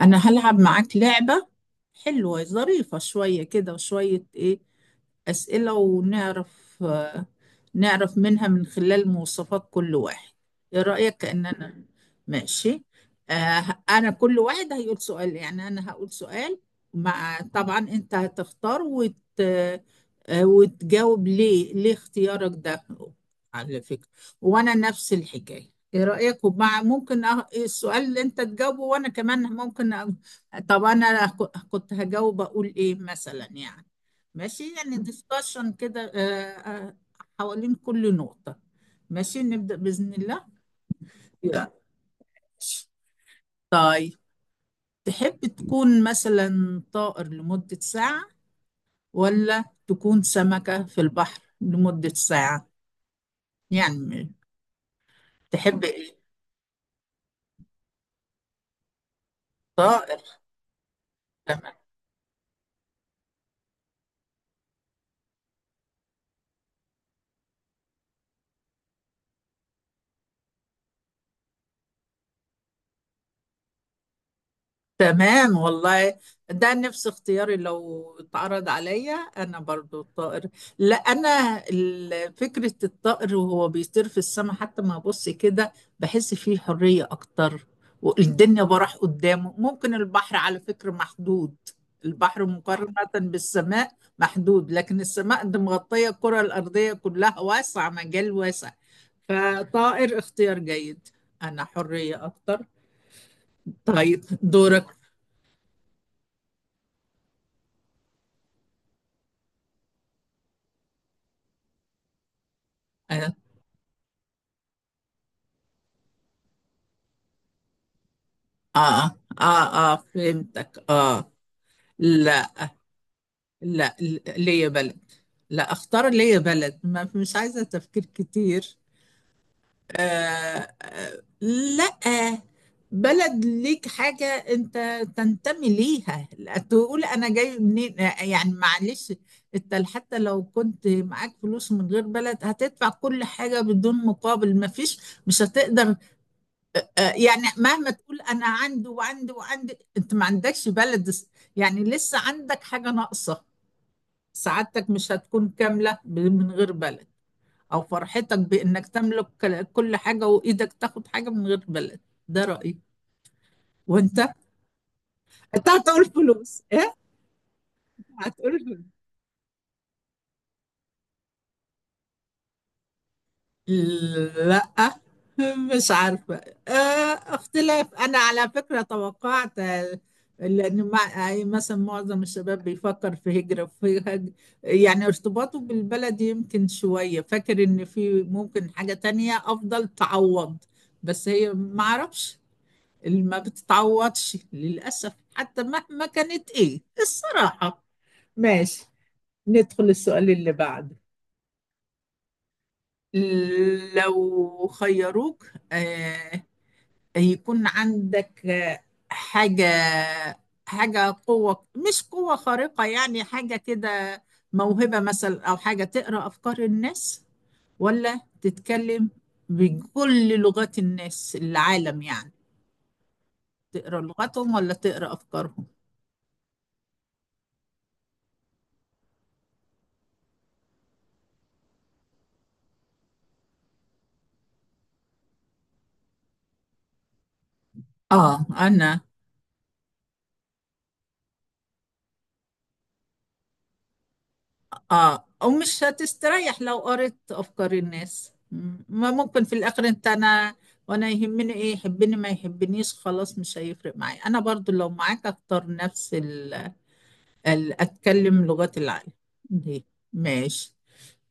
انا هلعب معاك لعبة حلوة ظريفة شوية كده، وشوية ايه أسئلة ونعرف نعرف منها من خلال مواصفات كل واحد. ايه رأيك؟ كأننا ماشي. انا كل واحد هيقول سؤال، يعني انا هقول سؤال مع، طبعا انت هتختار وت... آه، وتجاوب ليه اختيارك ده، على فكرة. وانا نفس الحكاية. ايه رأيك؟ ممكن السؤال اللي انت تجاوبه وانا كمان طب انا كنت هجاوب اقول ايه مثلا يعني. ماشي، يعني ديسكشن كده. حوالين كل نقطة. ماشي نبدأ بإذن الله. يلا. طيب، تحب تكون مثلا طائر لمدة ساعة، ولا تكون سمكة في البحر لمدة ساعة؟ يعني تحب ايه؟ طائر. تمام والله، ده نفس اختياري. لو اتعرض عليا انا برضو الطائر. لا انا فكرة الطائر وهو بيطير في السماء حتى ما ابص كده بحس فيه حرية اكتر، والدنيا براح قدامه. ممكن البحر على فكرة محدود، البحر مقارنة بالسماء محدود. لكن السماء دي مغطية الكرة الأرضية كلها، واسعة، مجال واسع. فطائر اختيار جيد، أنا حرية أكتر. طيب دورك. اه، اه، اه، فهمتك. اه. لا، لا، ليا بلد. لا، اختار ليا بلد ما، مش عايزة تفكير كتير. آه، آه، لا، بلد ليك حاجة انت تنتمي ليها، لا تقول انا جاي منين، يعني معلش. انت حتى لو كنت معاك فلوس، من غير بلد هتدفع كل حاجة بدون مقابل، ما فيش، مش هتقدر. يعني مهما تقول انا عندي وعندي وعندي، انت ما عندكش بلد، يعني لسه عندك حاجة ناقصة. سعادتك مش هتكون كاملة من غير بلد، او فرحتك بانك تملك كل حاجة وايدك تاخد حاجة من غير بلد. ده رأيي. وانت؟ انت هتقول فلوس؟ ايه هتقول؟ لا، مش عارفة. آه، اختلاف. أنا على فكرة توقعت، لأن أي مثلا معظم الشباب بيفكر في هجرة، يعني ارتباطه بالبلد يمكن شوية، فاكر إن في ممكن حاجة تانية أفضل تعوض، بس هي ما أعرفش اللي ما بتتعوضش للأسف، حتى مهما كانت إيه الصراحة. ماشي، ندخل السؤال اللي بعده. لو خيروك، آه يكون عندك حاجة حاجة قوة، مش قوة خارقة، يعني حاجة كده، موهبة مثلا، أو حاجة تقرأ أفكار الناس، ولا تتكلم بكل لغات الناس العالم؟ يعني تقرأ لغتهم ولا تقرأ أفكارهم؟ آه أنا، اه. ومش هتستريح لو قريت افكار الناس، ما ممكن في الاخر انت انا. وانا يهمني ايه يحبني ما يحبنيش؟ خلاص مش هيفرق معايا، انا برضو لو معاك اختار نفس اتكلم لغات العالم دي. ماشي،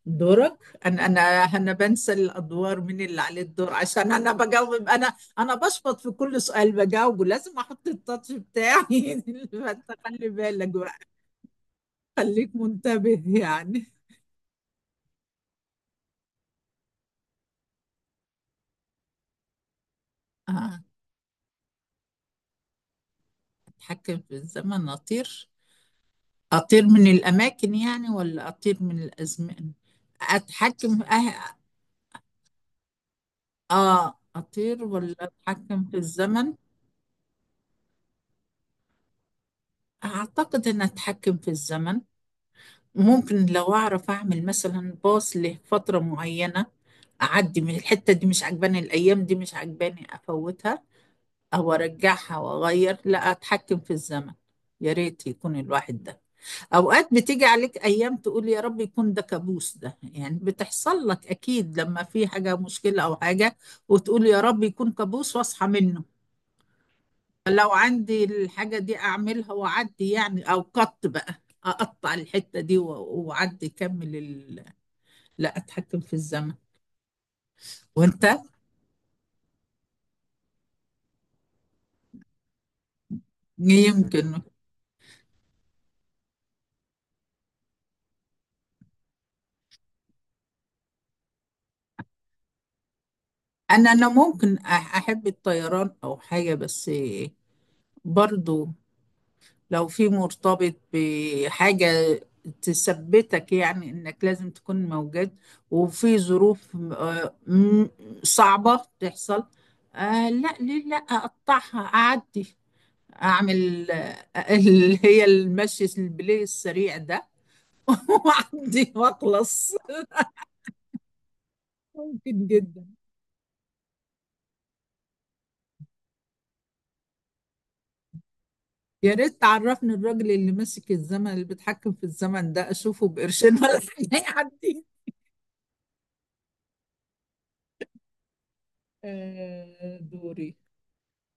دورك. انا انا انا بنسى الادوار مين اللي عليه الدور، عشان انا بجاوب. انا انا بشبط في كل سؤال بجاوبه، لازم احط التاتش بتاعي فانت خلي بالك بقى، خليك منتبه يعني. آه. أتحكم في الزمن؟ أطير؟ أطير من الأماكن يعني، ولا أطير من الأزمان؟ أتحكم في آه، أطير ولا أتحكم في الزمن؟ أعتقد أن أتحكم في الزمن، ممكن لو أعرف أعمل مثلا باص لفترة معينة، أعدي من الحتة دي مش عجباني، الأيام دي مش عجباني أفوتها، أو أرجعها وأغير. لا، أتحكم في الزمن. يا ريت يكون الواحد ده، اوقات بتيجي عليك ايام تقول يا رب يكون ده كابوس، ده يعني بتحصل لك اكيد لما في حاجة مشكلة او حاجة، وتقول يا رب يكون كابوس واصحى منه. لو عندي الحاجة دي اعملها واعدي يعني، او قط بقى، اقطع الحتة دي واعدي كمل لا، اتحكم في الزمن. وانت؟ يمكن. انا ممكن احب الطيران او حاجة، بس برضو لو في مرتبط بحاجة تثبتك، يعني إنك لازم تكون موجود وفي ظروف صعبة تحصل، آه لا، ليه؟ لا، أقطعها أعدي، أعمل اللي هي المشي البلاي السريع ده، وأعدي وأخلص. ممكن جدا. يا ريت تعرفني الراجل اللي ماسك الزمن اللي بيتحكم في الزمن ده، أشوفه بقرشين ولا حاجة يعدي. دوري.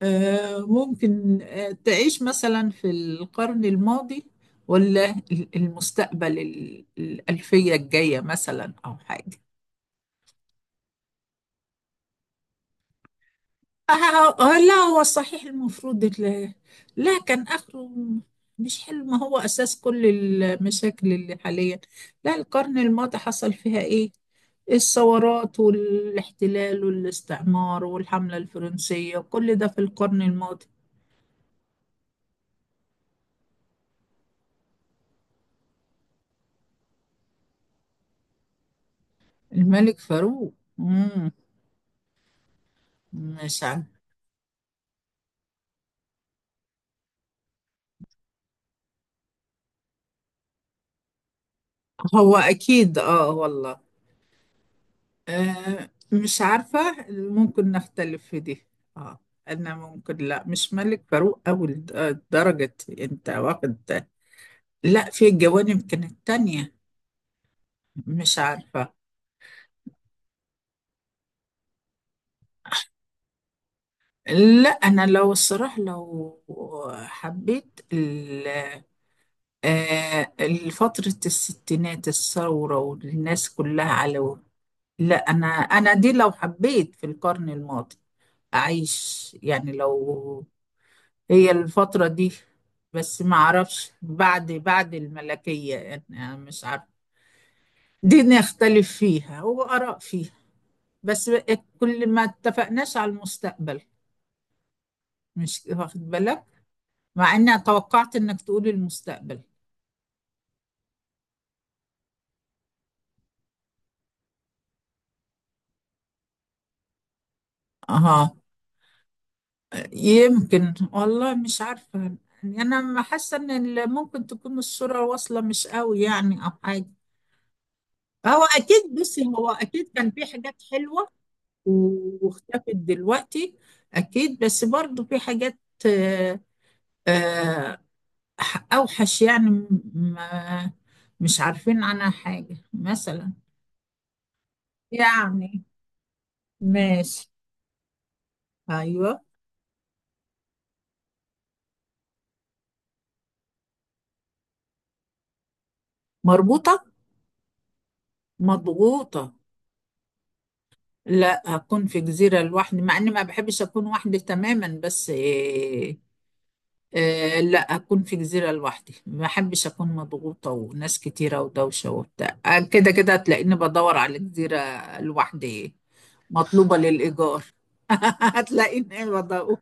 ممكن تعيش مثلا في القرن الماضي، ولا المستقبل الألفية الجاية مثلا، أو حاجة؟ لا هو صحيح، المفروض لا، كان آخره مش حلو، ما هو أساس كل المشاكل اللي حاليا. لا، القرن الماضي حصل فيها إيه، الثورات والاحتلال والاستعمار والحملة الفرنسية، كل ده في القرن الماضي. الملك فاروق؟ مم. مش عاجبني. هو أكيد آه والله، آه مش عارفة، ممكن نختلف في دي. آه، أنا ممكن، لا مش ملك فاروق أوي، درجة، أنت واخد. لا في جوانب كانت تانية، مش عارفة. لا أنا لو الصراحة، لو حبيت آه، فترة الستينات، الثورة والناس كلها على، لا أنا، أنا دي لو حبيت في القرن الماضي أعيش يعني، لو هي الفترة دي. بس ما اعرفش بعد الملكية، يعني انا مش عارف، دي نختلف فيها وآراء فيها. بس كل ما اتفقناش على المستقبل، مش واخد بالك؟ مع اني توقعت انك تقول المستقبل. اه يمكن، والله مش عارفة، يعني انا ما حاسة ان ممكن تكون الصورة واصلة مش قوي يعني، او حاجة. هو اكيد، بصي، هو اكيد كان في حاجات حلوة واختفت دلوقتي، أكيد. بس برضو في حاجات آه، آه، أوحش يعني، ما مش عارفين عنها حاجة مثلا، يعني. ماشي. أيوه. مربوطة، مضغوطة؟ لا، أكون في جزيرة لوحدي، مع إني ما بحبش أكون وحدي تماما، بس آه لا، أكون في جزيرة لوحدي، ما أحبش أكون مضغوطة وناس كتيرة ودوشة وبتاع، كده كده هتلاقيني بدور على جزيرة لوحدي، مطلوبة للإيجار. هتلاقيني بدور.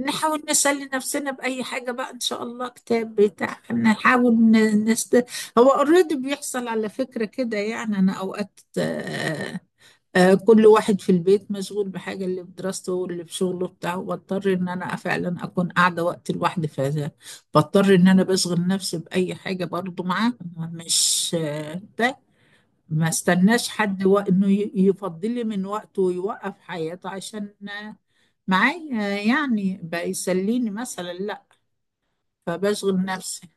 نحاول نسلي نفسنا بأي حاجة بقى إن شاء الله، كتاب بتاع، نحاول نست. هو اوريدي بيحصل على فكرة كده، يعني أنا أوقات كل واحد في البيت مشغول بحاجة، اللي بدراسته واللي بشغله بتاعه، بضطر ان انا فعلا اكون قاعدة وقت لوحدي، فبضطر ان انا بشغل نفسي بأي حاجة، برضو معاه مش ده، ما استناش حد انه يفضلي من وقته ويوقف حياته عشان معايا، يعني بقى يسليني مثلا، لا. فبشغل نفسي.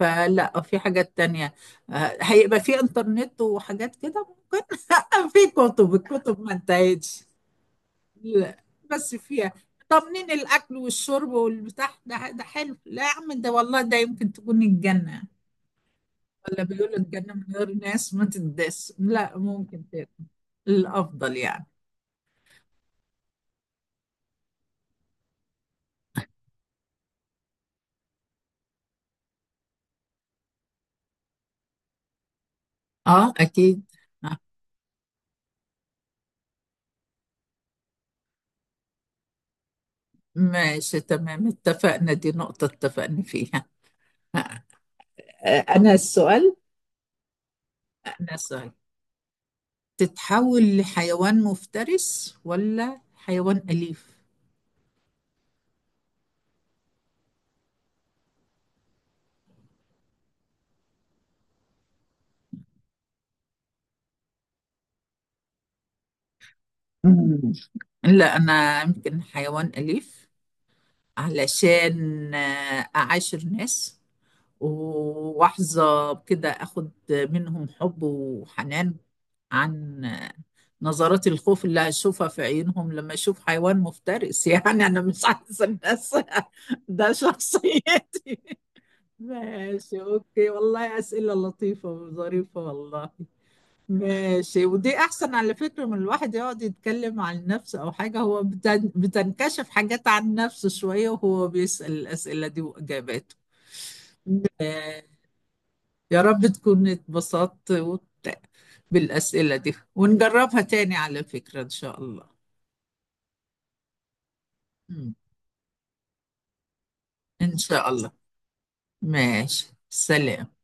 فلا، في حاجات تانية، هيبقى في انترنت وحاجات كده ممكن. في كتب، الكتب ما انتهتش. لا بس فيها، طمنين الاكل والشرب والبتاع ده حلو. لا يا عم، ده والله ده يمكن تكون الجنه. ولا بيقولوا الجنه من غير ناس ما تدس، لا ممكن تاكل الافضل يعني. اه اكيد. آه، ماشي تمام، اتفقنا، دي نقطه اتفقنا فيها. آه، انا السؤال انا السؤال: تتحول لحيوان مفترس ولا حيوان اليف؟ مم. لا انا يمكن حيوان اليف، علشان أعاشر ناس وأحظى بكده، أخد منهم حب وحنان، عن نظرات الخوف اللي هشوفها في عيونهم لما أشوف حيوان مفترس. يعني أنا مش عايزة الناس. ده شخصيتي. ماشي أوكي، والله أسئلة لطيفة وظريفة والله. ماشي، ودي احسن على فكرة من الواحد يقعد يتكلم عن نفسه او حاجة، هو بتنكشف حاجات عن نفسه شوية وهو بيسأل الأسئلة دي واجاباته. يا رب تكون اتبسطت بالأسئلة دي، ونجربها تاني على فكرة ان شاء الله. مم. ان شاء الله. ماشي، سلام.